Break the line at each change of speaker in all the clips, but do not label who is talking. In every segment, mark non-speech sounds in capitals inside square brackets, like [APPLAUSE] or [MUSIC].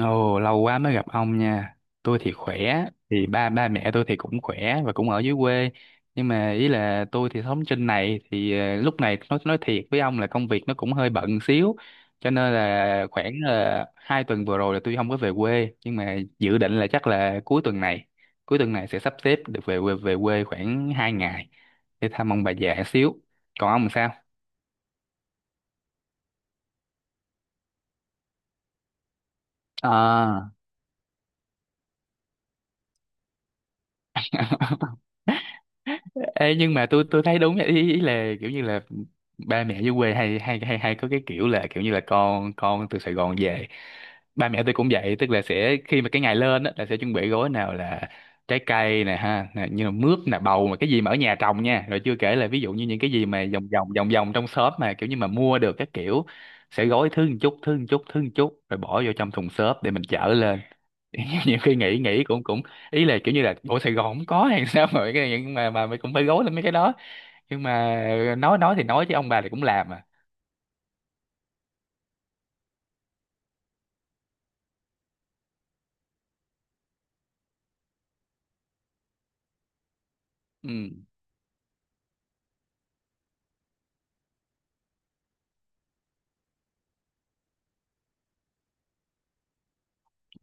Ồ, lâu quá mới gặp ông nha. Tôi thì khỏe, thì ba ba mẹ tôi thì cũng khỏe và cũng ở dưới quê. Nhưng mà ý là tôi thì sống trên này thì lúc này nói thiệt với ông là công việc nó cũng hơi bận xíu. Cho nên là khoảng là 2 tuần vừa rồi là tôi không có về quê, nhưng mà dự định là chắc là cuối tuần này sẽ sắp xếp được về quê khoảng 2 ngày để thăm ông bà già xíu. Còn ông sao? À. [LAUGHS] Ê, nhưng mà tôi thấy đúng vậy. Ý là kiểu như là ba mẹ dưới quê hay hay hay hay có cái kiểu là kiểu như là con từ Sài Gòn về, ba mẹ tôi cũng vậy, tức là sẽ khi mà cái ngày lên á là sẽ chuẩn bị gói, nào là trái cây nè ha nè, như là mướp nè bầu mà cái gì mà ở nhà trồng nha, rồi chưa kể là ví dụ như những cái gì mà vòng vòng trong shop mà kiểu như mà mua được các kiểu, sẽ gói thứ một chút rồi bỏ vô trong thùng xốp để mình chở lên. [LAUGHS] Nhiều khi nghĩ nghĩ cũng cũng ý là kiểu như là bộ Sài Gòn không có hay [LAUGHS] sao mà mấy cái này, nhưng mà mình cũng phải gối lên mấy cái đó. Nhưng mà nói thì nói chứ ông bà thì cũng làm à. Ừ.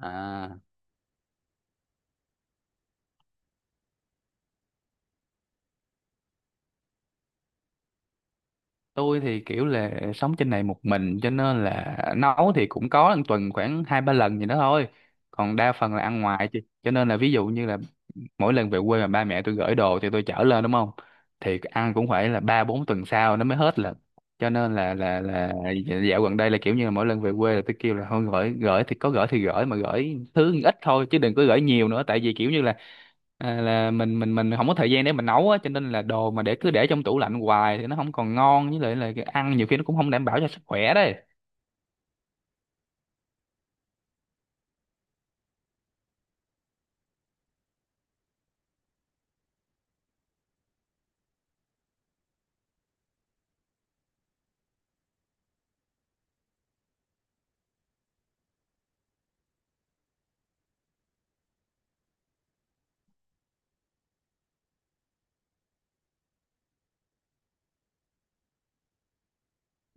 À. Tôi thì kiểu là sống trên này một mình, cho nên là nấu thì cũng có một tuần khoảng hai ba lần gì đó thôi, còn đa phần là ăn ngoài chị, cho nên là ví dụ như là mỗi lần về quê mà ba mẹ tôi gửi đồ thì tôi chở lên, đúng không? Thì ăn cũng phải là ba bốn tuần sau nó mới hết lần, cho nên là dạo gần đây là kiểu như là mỗi lần về quê là tôi kêu là thôi gửi gửi thì có gửi thì gửi mà gửi thứ ít thôi chứ đừng có gửi nhiều nữa, tại vì kiểu như là à, là mình không có thời gian để mình nấu á, cho nên là đồ mà để cứ để trong tủ lạnh hoài thì nó không còn ngon, với lại là cái ăn nhiều khi nó cũng không đảm bảo cho sức khỏe đấy.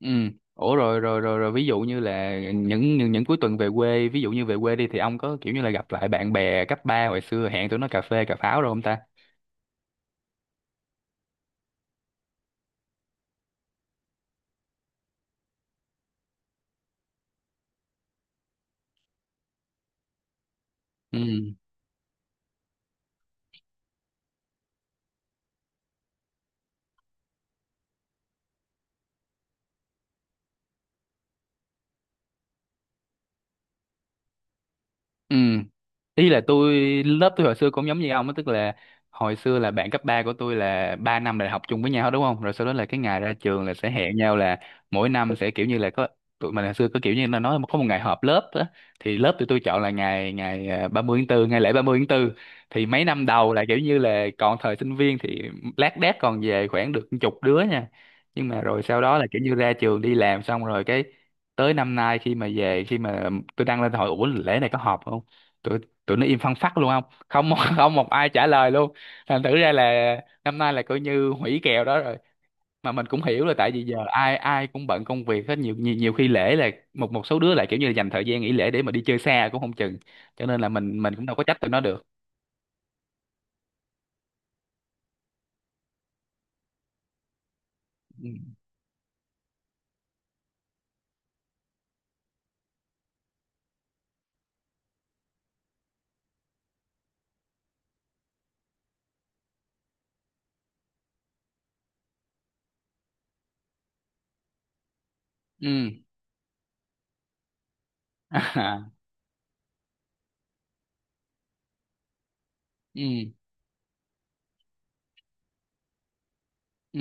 Ừ. Ủa, rồi rồi rồi rồi ví dụ như là những cuối tuần về quê, ví dụ như về quê đi thì ông có kiểu như là gặp lại bạn bè cấp ba hồi xưa, hẹn tụi nó cà phê cà pháo rồi không ta? Ừ. Ừ. Ý là tôi, lớp tôi hồi xưa cũng giống như ông á, tức là hồi xưa là bạn cấp 3 của tôi là 3 năm đại học chung với nhau hết, đúng không? Rồi sau đó là cái ngày ra trường là sẽ hẹn nhau là mỗi năm sẽ kiểu như là có, tụi mình hồi xưa có kiểu như là nói có một ngày họp lớp á, thì lớp tụi tôi chọn là ngày ngày à, ba mươi tháng 4, ngày lễ 30 tháng 4. Thì mấy năm đầu là kiểu như là còn thời sinh viên thì lác đác còn về khoảng được chục đứa nha. Nhưng mà rồi sau đó là kiểu như ra trường đi làm xong rồi cái, tới năm nay khi mà về, khi mà tôi đăng lên hỏi ủa lễ này có họp không, tụi tụi nó im phăng phắc luôn, không không một- [LAUGHS] không một ai trả lời luôn. Thành thử ra là năm nay là coi như hủy kèo đó rồi, mà mình cũng hiểu là tại vì giờ ai ai cũng bận công việc hết, nhiều nhiều nhiều khi lễ là một một số đứa lại kiểu như là dành thời gian nghỉ lễ để mà đi chơi xa cũng không chừng, cho nên là mình cũng đâu có trách tụi nó được. Ừ. Ừ. [LAUGHS] Ừ. Ừ.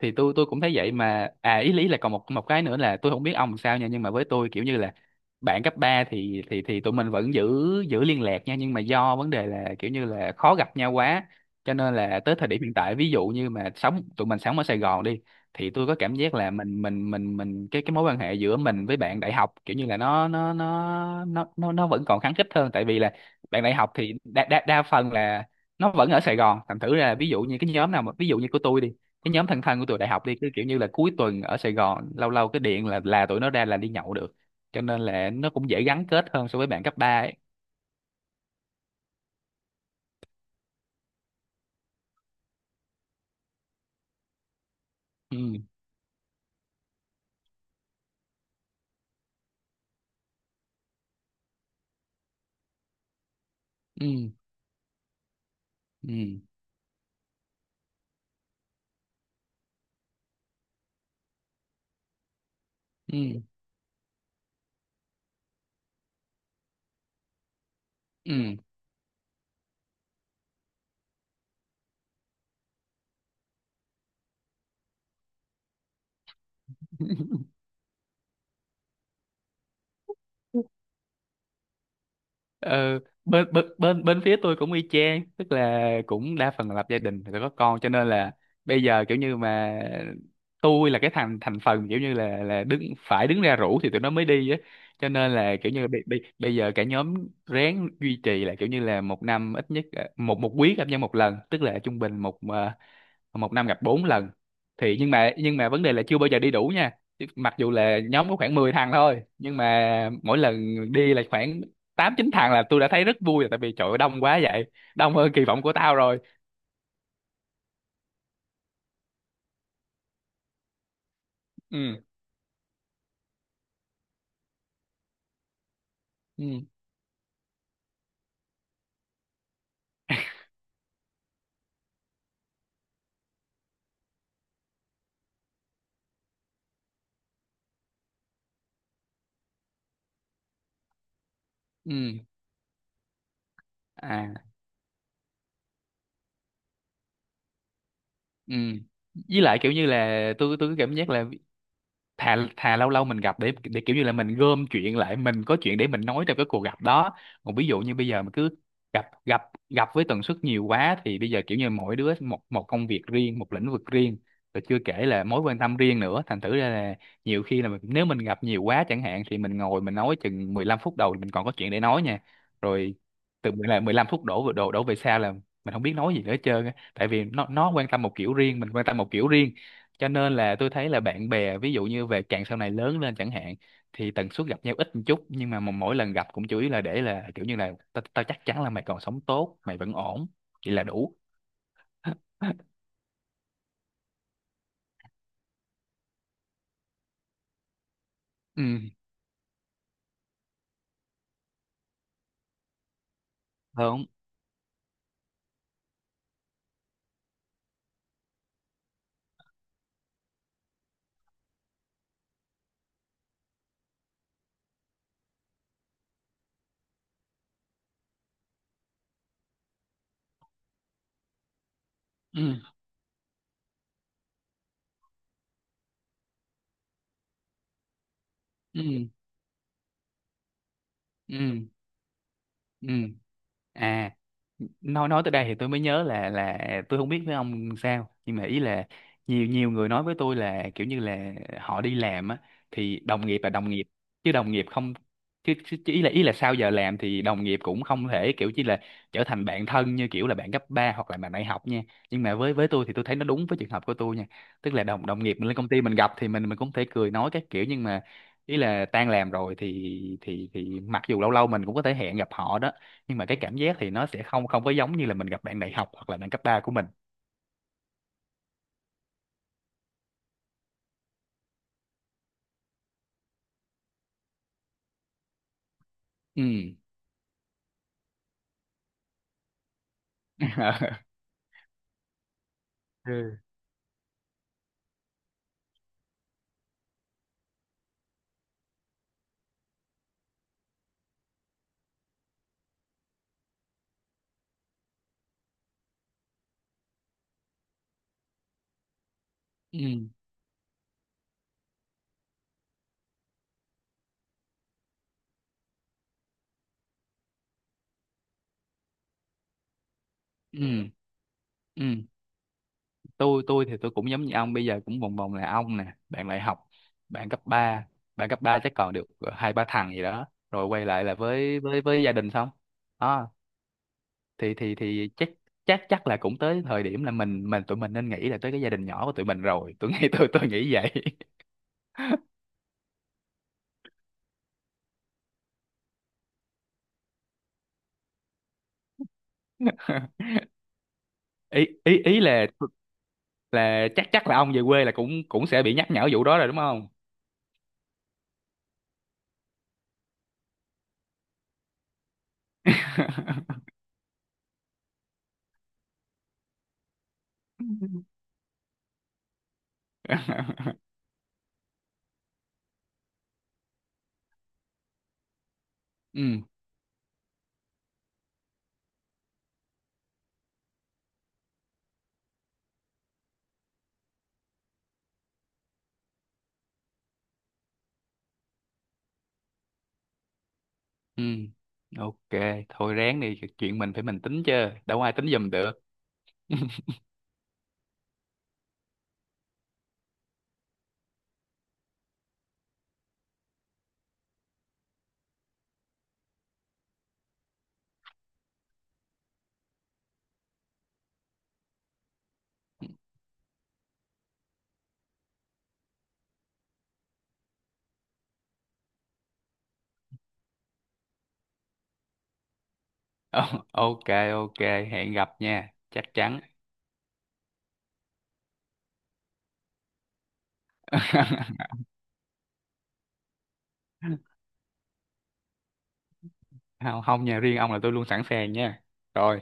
Thì tôi cũng thấy vậy mà à ý lý là còn một một cái nữa là tôi không biết ông sao nha, nhưng mà với tôi kiểu như là bạn cấp 3 thì tụi mình vẫn giữ giữ liên lạc nha, nhưng mà do vấn đề là kiểu như là khó gặp nhau quá, cho nên là tới thời điểm hiện tại, ví dụ như mà sống tụi mình sống ở Sài Gòn đi, thì tôi có cảm giác là mình cái mối quan hệ giữa mình với bạn đại học kiểu như là nó vẫn còn khăng khít hơn, tại vì là bạn đại học thì đa đa, đa phần là nó vẫn ở Sài Gòn, thành thử ra là ví dụ như cái nhóm nào mà ví dụ như của tôi đi, cái nhóm thân thân của tụi đại học đi cứ kiểu như là cuối tuần ở Sài Gòn, lâu lâu cái điện là tụi nó ra là đi nhậu được, cho nên là nó cũng dễ gắn kết hơn so với bạn cấp ba ấy. Ừ. Ừ. Ừ. Ừ. Ừ. [LAUGHS] Ờ, bên bên bên bên phía tôi cũng y chang, tức là cũng đa phần là lập gia đình rồi có con, cho nên là bây giờ kiểu như mà tôi là cái thành thành phần kiểu như là đứng phải đứng ra rủ thì tụi nó mới đi á, cho nên là kiểu như bây giờ cả nhóm ráng duy trì là kiểu như là một năm ít nhất một một quý gặp nhau một lần, tức là trung bình một năm gặp 4 lần. Thì nhưng mà vấn đề là chưa bao giờ đi đủ nha. Chứ mặc dù là nhóm có khoảng 10 thằng thôi nhưng mà mỗi lần đi là khoảng 8 9 thằng là tôi đã thấy rất vui rồi, tại vì trời ơi, đông quá vậy, đông hơn kỳ vọng của tao rồi. Ừ. Ừ. Ừ. À. Ừ. Với lại kiểu như là tôi có cảm giác là thà thà lâu lâu mình gặp để kiểu như là mình gom chuyện lại, mình có chuyện để mình nói trong cái cuộc gặp đó. Còn ví dụ như bây giờ mà cứ gặp gặp gặp với tần suất nhiều quá thì bây giờ kiểu như mỗi đứa một một công việc riêng, một lĩnh vực riêng, rồi chưa kể là mối quan tâm riêng nữa, thành thử ra là nhiều khi là mình, nếu mình gặp nhiều quá chẳng hạn thì mình ngồi mình nói chừng 15 phút đầu thì mình còn có chuyện để nói nha, rồi từ mười là 15 phút đổ về sau là mình không biết nói gì nữa hết trơn á, tại vì nó quan tâm một kiểu riêng, mình quan tâm một kiểu riêng, cho nên là tôi thấy là bạn bè ví dụ như về càng sau này lớn lên chẳng hạn thì tần suất gặp nhau ít một chút, nhưng mà mỗi lần gặp cũng chủ yếu là để là kiểu như là tao tao chắc chắn là mày còn sống tốt, mày vẫn ổn, vậy là đủ. [LAUGHS] Ừ. Không. Ừ. Ừ. Ừ. Ừ. À, nói tới đây thì tôi mới nhớ là tôi không biết với ông sao, nhưng mà ý là nhiều nhiều người nói với tôi là kiểu như là họ đi làm á thì đồng nghiệp là đồng nghiệp, chứ đồng nghiệp không, chứ, chứ chứ ý là sau giờ làm thì đồng nghiệp cũng không thể kiểu chỉ là trở thành bạn thân như kiểu là bạn cấp 3 hoặc là bạn đại học nha. Nhưng mà với tôi thì tôi thấy nó đúng với trường hợp của tôi nha, tức là đồng đồng nghiệp mình lên công ty mình gặp thì mình cũng thể cười nói các kiểu, nhưng mà ý là tan làm rồi thì mặc dù lâu lâu mình cũng có thể hẹn gặp họ đó, nhưng mà cái cảm giác thì nó sẽ không không có giống như là mình gặp bạn đại học hoặc là bạn cấp ba của mình. Ừ. [LAUGHS] Ừ. Ừ. Ừ. Ừ. Tôi thì tôi cũng giống như ông, bây giờ cũng vòng vòng là ông nè, bạn đại học, bạn cấp 3, bạn cấp 3 chắc còn được hai ba thằng gì đó, rồi quay lại là với gia đình xong đó. Thì chắc chắc chắc là cũng tới thời điểm là mình tụi mình nên nghĩ là tới cái gia đình nhỏ của tụi mình rồi, tôi nghĩ vậy. [LAUGHS] ý ý ý là chắc chắc là ông về quê là cũng cũng sẽ bị nhắc nhở vụ đó rồi, đúng không? [LAUGHS] Ừ. Ừ. OK, thôi ráng đi, chuyện mình phải mình tính chứ, đâu ai tính giùm được. [LAUGHS] Ờ, OK. OK, hẹn gặp nha, chắc chắn. [LAUGHS] Không, không nha, riêng ông là tôi luôn sẵn sàng nha. Rồi.